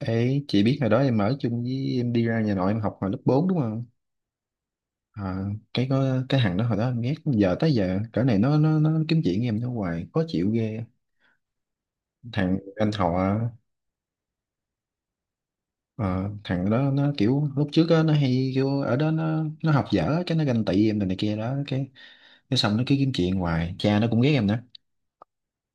Ê, chị biết hồi đó em ở chung với em đi ra nhà nội em học hồi lớp 4 đúng không? À, cái có cái thằng đó hồi đó em ghét giờ tới giờ cỡ này nó kiếm chuyện với em nó hoài khó chịu ghê. Thằng anh họ, ờ, thằng đó nó kiểu lúc trước á, nó hay kiểu ở đó nó học dở cái nó ganh tị em này, này kia đó cái xong nó cứ kiếm chuyện hoài, cha nó cũng ghét em nữa.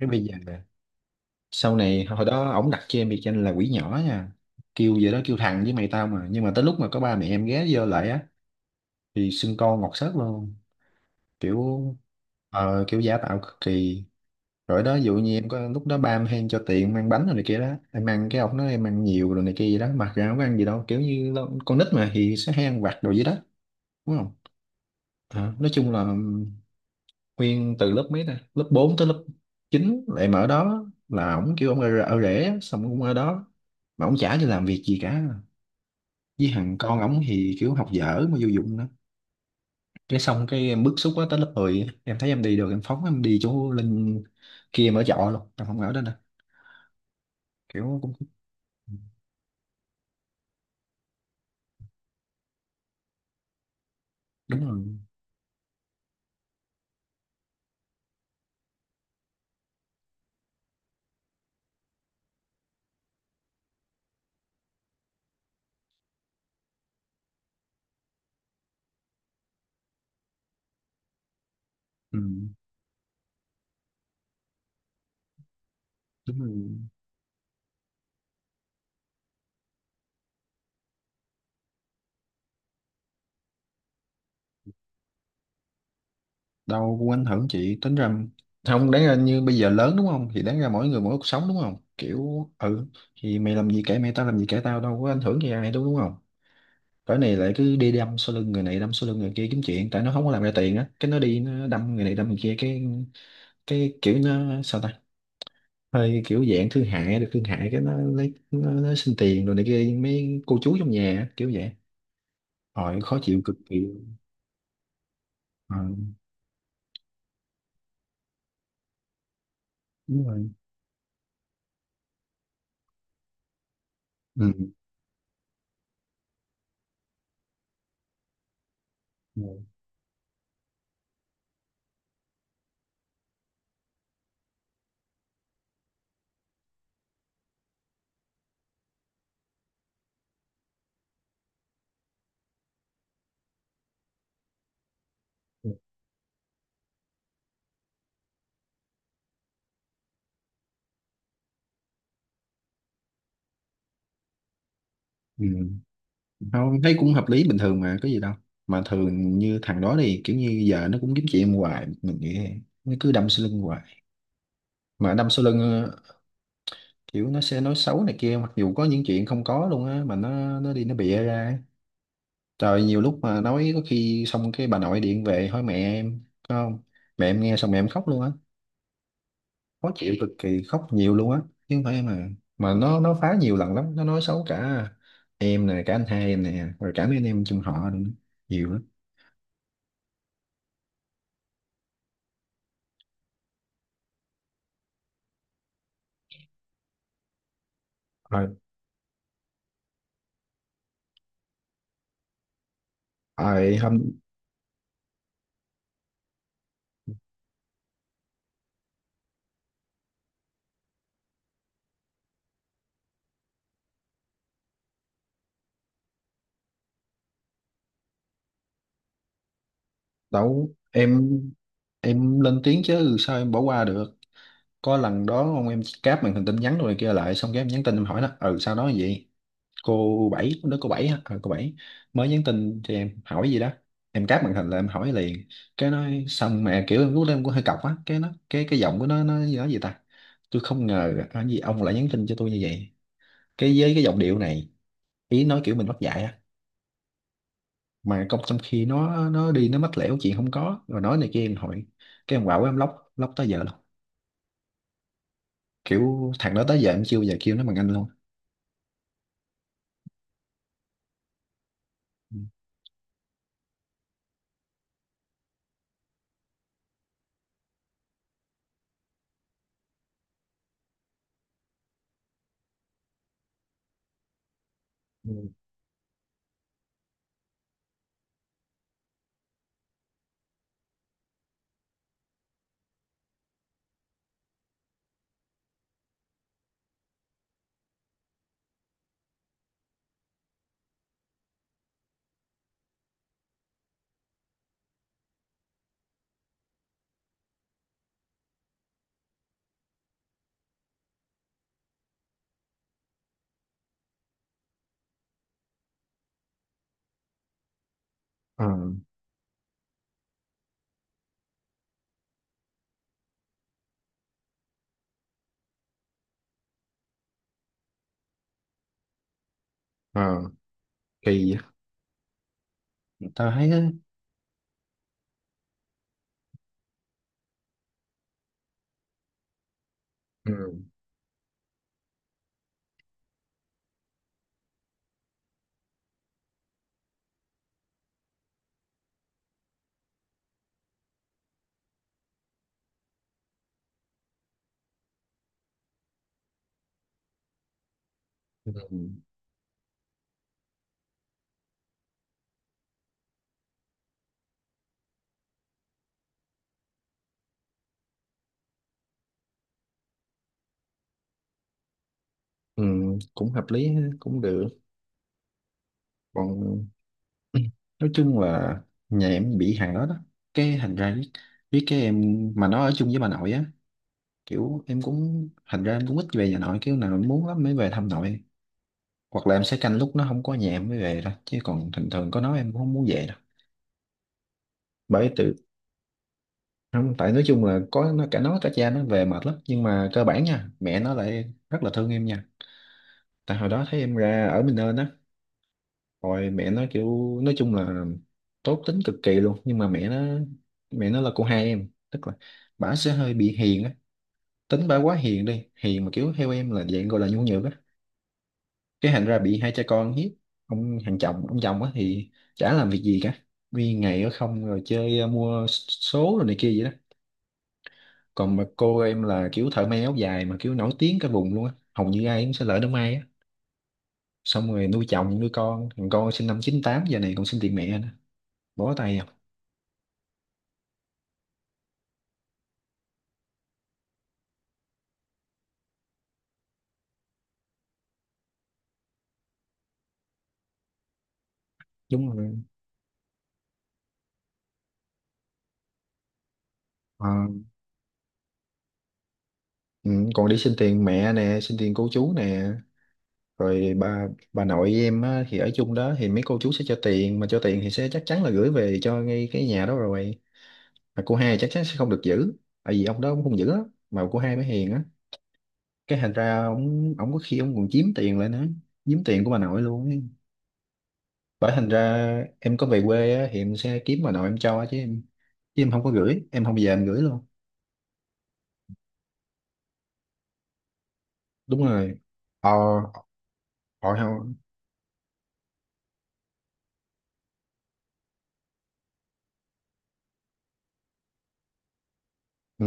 Cái bây giờ là- Sau này hồi đó ổng đặt cho em biệt danh là quỷ nhỏ nha. Kêu vậy đó, kêu thằng với mày tao mà nhưng mà tới lúc mà có ba mẹ em ghé vô lại á thì xưng con ngọt sớt luôn. Kiểu kiểu giả tạo cực kỳ. Rồi đó, ví dụ như em có lúc đó ba em hay cho tiền mang bánh rồi này kia đó, em ăn cái ông nói em ăn nhiều rồi này kia gì đó, mặc ra không có ăn gì đâu, kiểu như con nít mà thì sẽ hay ăn vặt đồ gì đó đúng không. Ờ, nói chung là nguyên từ lớp mấy ta, lớp 4 tới lớp 9 lại mở đó là ổng kêu ổng ở rể xong cũng ở đó mà ổng chả cho làm việc gì cả. Với thằng con ổng thì kiểu học dở mà vô dụng đó. Cái xong cái em bức xúc quá tới lớp 10 á, em thấy em đi được em phóng em đi chỗ lên kia em ở trọ luôn, em không ở đó nè. Kiểu cũng đúng rồi. Ừ, đúng rồi, đâu cũng ảnh hưởng, chị tính ra không, đáng ra như bây giờ lớn đúng không thì đáng ra mỗi người mỗi cuộc sống đúng không, kiểu ừ, thì mày làm gì kệ mày, tao làm gì kệ tao, đâu có ảnh hưởng gì ai đâu đúng không. Cỡ này lại cứ đi đâm sau lưng người này, đâm sau lưng người kia, kiếm chuyện, tại nó không có làm ra tiền á cái nó đi nó đâm người này đâm người kia. Cái kiểu nó sao ta, hơi kiểu dạng thương hại, được thương hại cái nó lấy nó xin tiền rồi này kia mấy cô chú trong nhà á, kiểu vậy. Hồi khó chịu cực kỳ. Ờ, đúng rồi. Ừ. Ừ. Ừ. Không, thấy cũng hợp lý bình thường mà, có gì đâu. Mà thường như thằng đó thì kiểu như giờ nó cũng kiếm chuyện hoài mình nghĩ vậy, nó cứ đâm sau lưng hoài, mà đâm sau lưng kiểu nó sẽ nói xấu này kia, mặc dù có những chuyện không có luôn á mà nó đi nó bịa ra. Trời, nhiều lúc mà nói có khi xong cái bà nội điện về hỏi mẹ em có không, mẹ em nghe xong mẹ em khóc luôn á. Khó chịu cực kỳ, khóc nhiều luôn á, chứ không phải em à. Mà nó phá nhiều lần lắm, nó nói xấu cả em nè, cả anh hai em nè, rồi cả mấy anh em chung họ nữa, nhiều lắm. Rồi, rồi, hôm đâu em lên tiếng chứ sao em bỏ qua được. Có lần đó ông em cáp màn hình tin nhắn rồi kia lại, xong cái em nhắn tin em hỏi nó ừ sao nói vậy. Cô bảy lúc đó, cô bảy hả, ờ cô bảy mới nhắn tin cho em hỏi gì đó, em cáp màn hình là em hỏi liền. Cái nói xong mà kiểu em lúc đó em cũng hơi cọc á, cái nó cái giọng của nó nói gì ta, "Tôi không ngờ ở gì ông lại nhắn tin cho tôi như vậy", cái với cái giọng điệu này, ý nói kiểu mình mất dạy á. Mà công trong khi nó đi nó mách lẻo chuyện không có rồi nói này kia em hỏi. Cái em quạo em lóc lóc tới giờ luôn. Kiểu thằng đó tới giờ em chưa bao giờ kêu nó bằng anh luôn. Ừ. ờ ờ Kỳ vậy. Tao thấy á, ừ. Ừ. Ừ, cũng hợp lý ha, cũng được. Còn nói chung là nhà em bị hàng đó đó, cái thành ra biết cái em, mà nó ở chung với bà nội á, kiểu em cũng thành ra em cũng ít về nhà nội, kiểu nào em muốn lắm mới về thăm nội, hoặc là em sẽ canh lúc nó không có nhà em mới về thôi chứ còn thường thường có nó em cũng không muốn về đâu. Bởi từ, không, tại nói chung là có nó, cả nó cả cha nó về mệt lắm, nhưng mà cơ bản nha, mẹ nó lại rất là thương em nha. Tại hồi đó thấy em ra ở mình rồi mẹ nó kiểu, nói chung là tốt tính cực kỳ luôn. Nhưng mà mẹ nó là cô hai em, tức là bả sẽ hơi bị hiền á, tính bả quá hiền đi, hiền mà kiểu theo em là dạng gọi là nhu nhược á. Cái thành ra bị hai cha con hiếp. Ông hàng chồng, ông chồng á thì chả làm việc gì cả, đi ngày ở không rồi chơi, mua số rồi này kia vậy đó. Còn mà cô em là kiểu thợ may áo dài mà kiểu nổi tiếng cả vùng luôn á, hầu như ai cũng sẽ lỡ đám may á. Xong rồi nuôi chồng nuôi con, thằng con sinh năm chín tám giờ này còn xin tiền mẹ nữa, bó tay à. Đúng. Ờ, ừ, còn đi xin tiền mẹ nè, xin tiền cô chú nè. Rồi bà nội với em á, thì ở chung đó thì mấy cô chú sẽ cho tiền, mà cho tiền thì sẽ chắc chắn là gửi về cho ngay cái nhà đó rồi, mà cô hai chắc chắn sẽ không được giữ, tại vì ông đó cũng không giữ á, mà cô hai mới hiền á. Cái thành ra ông có khi ông còn chiếm tiền lại nữa, chiếm tiền của bà nội luôn ấy. Bởi thành ra em có về quê á, thì em sẽ kiếm bà nội em cho chứ em không có gửi, em không bao giờ em gửi luôn. Đúng rồi. Ờ. Họ không. Ừ.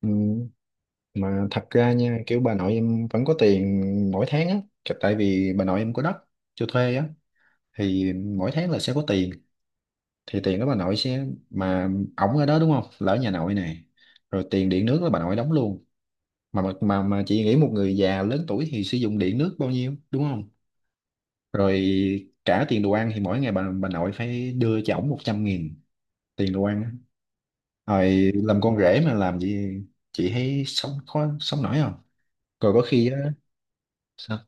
Ừ. Mà thật ra nha, kiểu bà nội em vẫn có tiền mỗi tháng á. Cái- tại vì bà nội em có đất cho thuê á thì mỗi tháng là sẽ có tiền, thì tiền đó bà nội sẽ mà ổng ở đó đúng không, là ở nhà nội nè, rồi tiền điện nước là bà nội đóng luôn. Chị nghĩ một người già lớn tuổi thì sử dụng điện nước bao nhiêu đúng không. Rồi cả tiền đồ ăn thì mỗi ngày bà nội phải đưa cho ổng 100 nghìn tiền đồ ăn á. Rồi làm con rể mà làm gì, chị thấy sống khó sống nổi không. Rồi có khi á. Sao?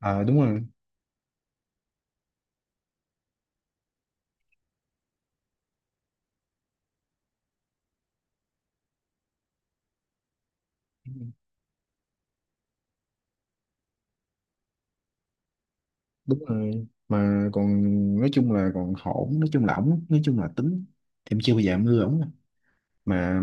Ờ đúng rồi. Đúng rồi, mà còn nói chung là còn hổn, nói chung là ổng nói chung là tính, thì em chưa bao giờ em ưa ổng. Mà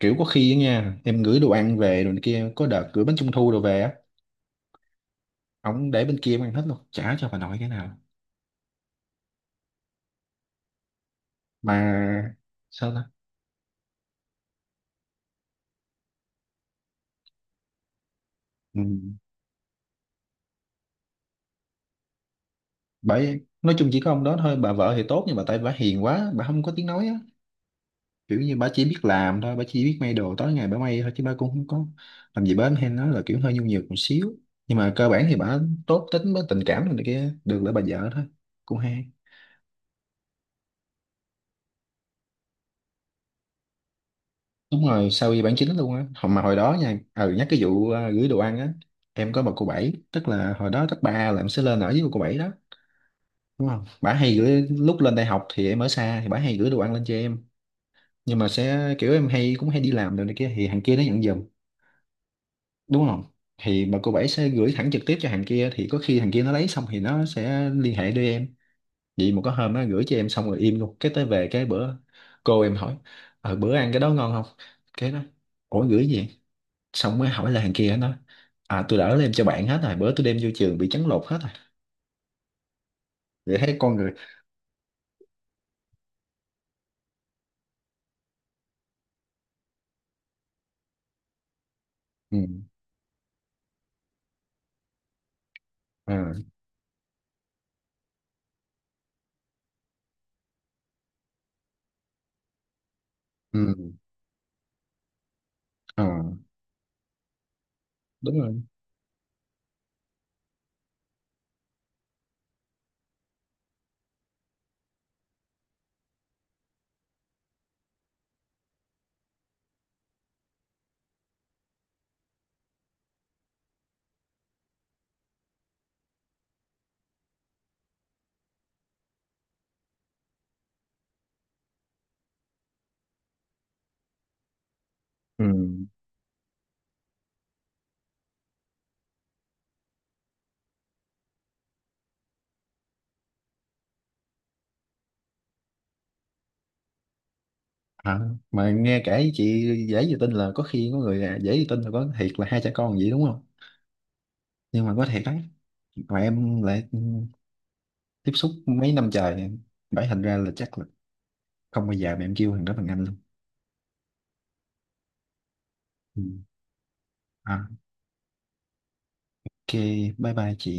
kiểu có khi á nha, em gửi đồ ăn về rồi này kia, có đợt gửi bánh trung thu đồ về á, ổng để bên kia em ăn hết luôn, trả cho bà nội cái nào. Mà sao ta. Ừ. Bởi nói chung chỉ có ông đó thôi, bà vợ thì tốt nhưng mà tại bà hiền quá, bà không có tiếng nói á. Kiểu như bà chỉ biết làm thôi, bà chỉ biết may đồ tối ngày bà may thôi chứ bà cũng không có làm gì bến hay nói, là kiểu hơi nhu nhược một xíu. Nhưng mà cơ bản thì bà tốt tính, với tình cảm này kia được, là bà vợ thôi cũng hay. Đúng rồi, sau khi bản chính luôn á. Hồi mà hồi đó nha, ừ, nhắc cái vụ gửi đồ ăn á, em có một cô bảy, tức là hồi đó cấp ba là em sẽ lên ở với một cô bảy đó đúng không. Bả hay gửi, lúc lên đại học thì em ở xa thì bả hay gửi đồ ăn lên cho em, nhưng mà sẽ kiểu em hay cũng hay đi làm đồ này kia thì thằng kia nó nhận giùm đúng không. Thì bà cô bảy sẽ gửi thẳng trực tiếp cho thằng kia, thì có khi thằng kia nó lấy xong thì nó sẽ liên hệ đưa em. Vậy mà có hôm nó gửi cho em xong rồi im luôn, cái tới về cái bữa cô em hỏi, "Ờ bữa ăn cái đó ngon không, cái đó." "Ủa gửi gì vậy?" Xong mới hỏi là thằng kia nó, "À tôi đã đem cho bạn hết rồi, bữa tôi đem vô trường bị trấn lột hết rồi." Vậy thấy con người. Ừ. À, ừ. À, đúng rồi. Ừ. À, mà nghe kể chị dễ gì tin, là có khi có người à, dễ gì tin là có thiệt là hai cha con vậy đúng không. Nhưng mà có thiệt đấy, mà em lại tiếp xúc mấy năm trời, bảy thành ra là chắc là không bao giờ mà em kêu thằng đó bằng anh luôn. Ừ. À, ok, bye bye chị.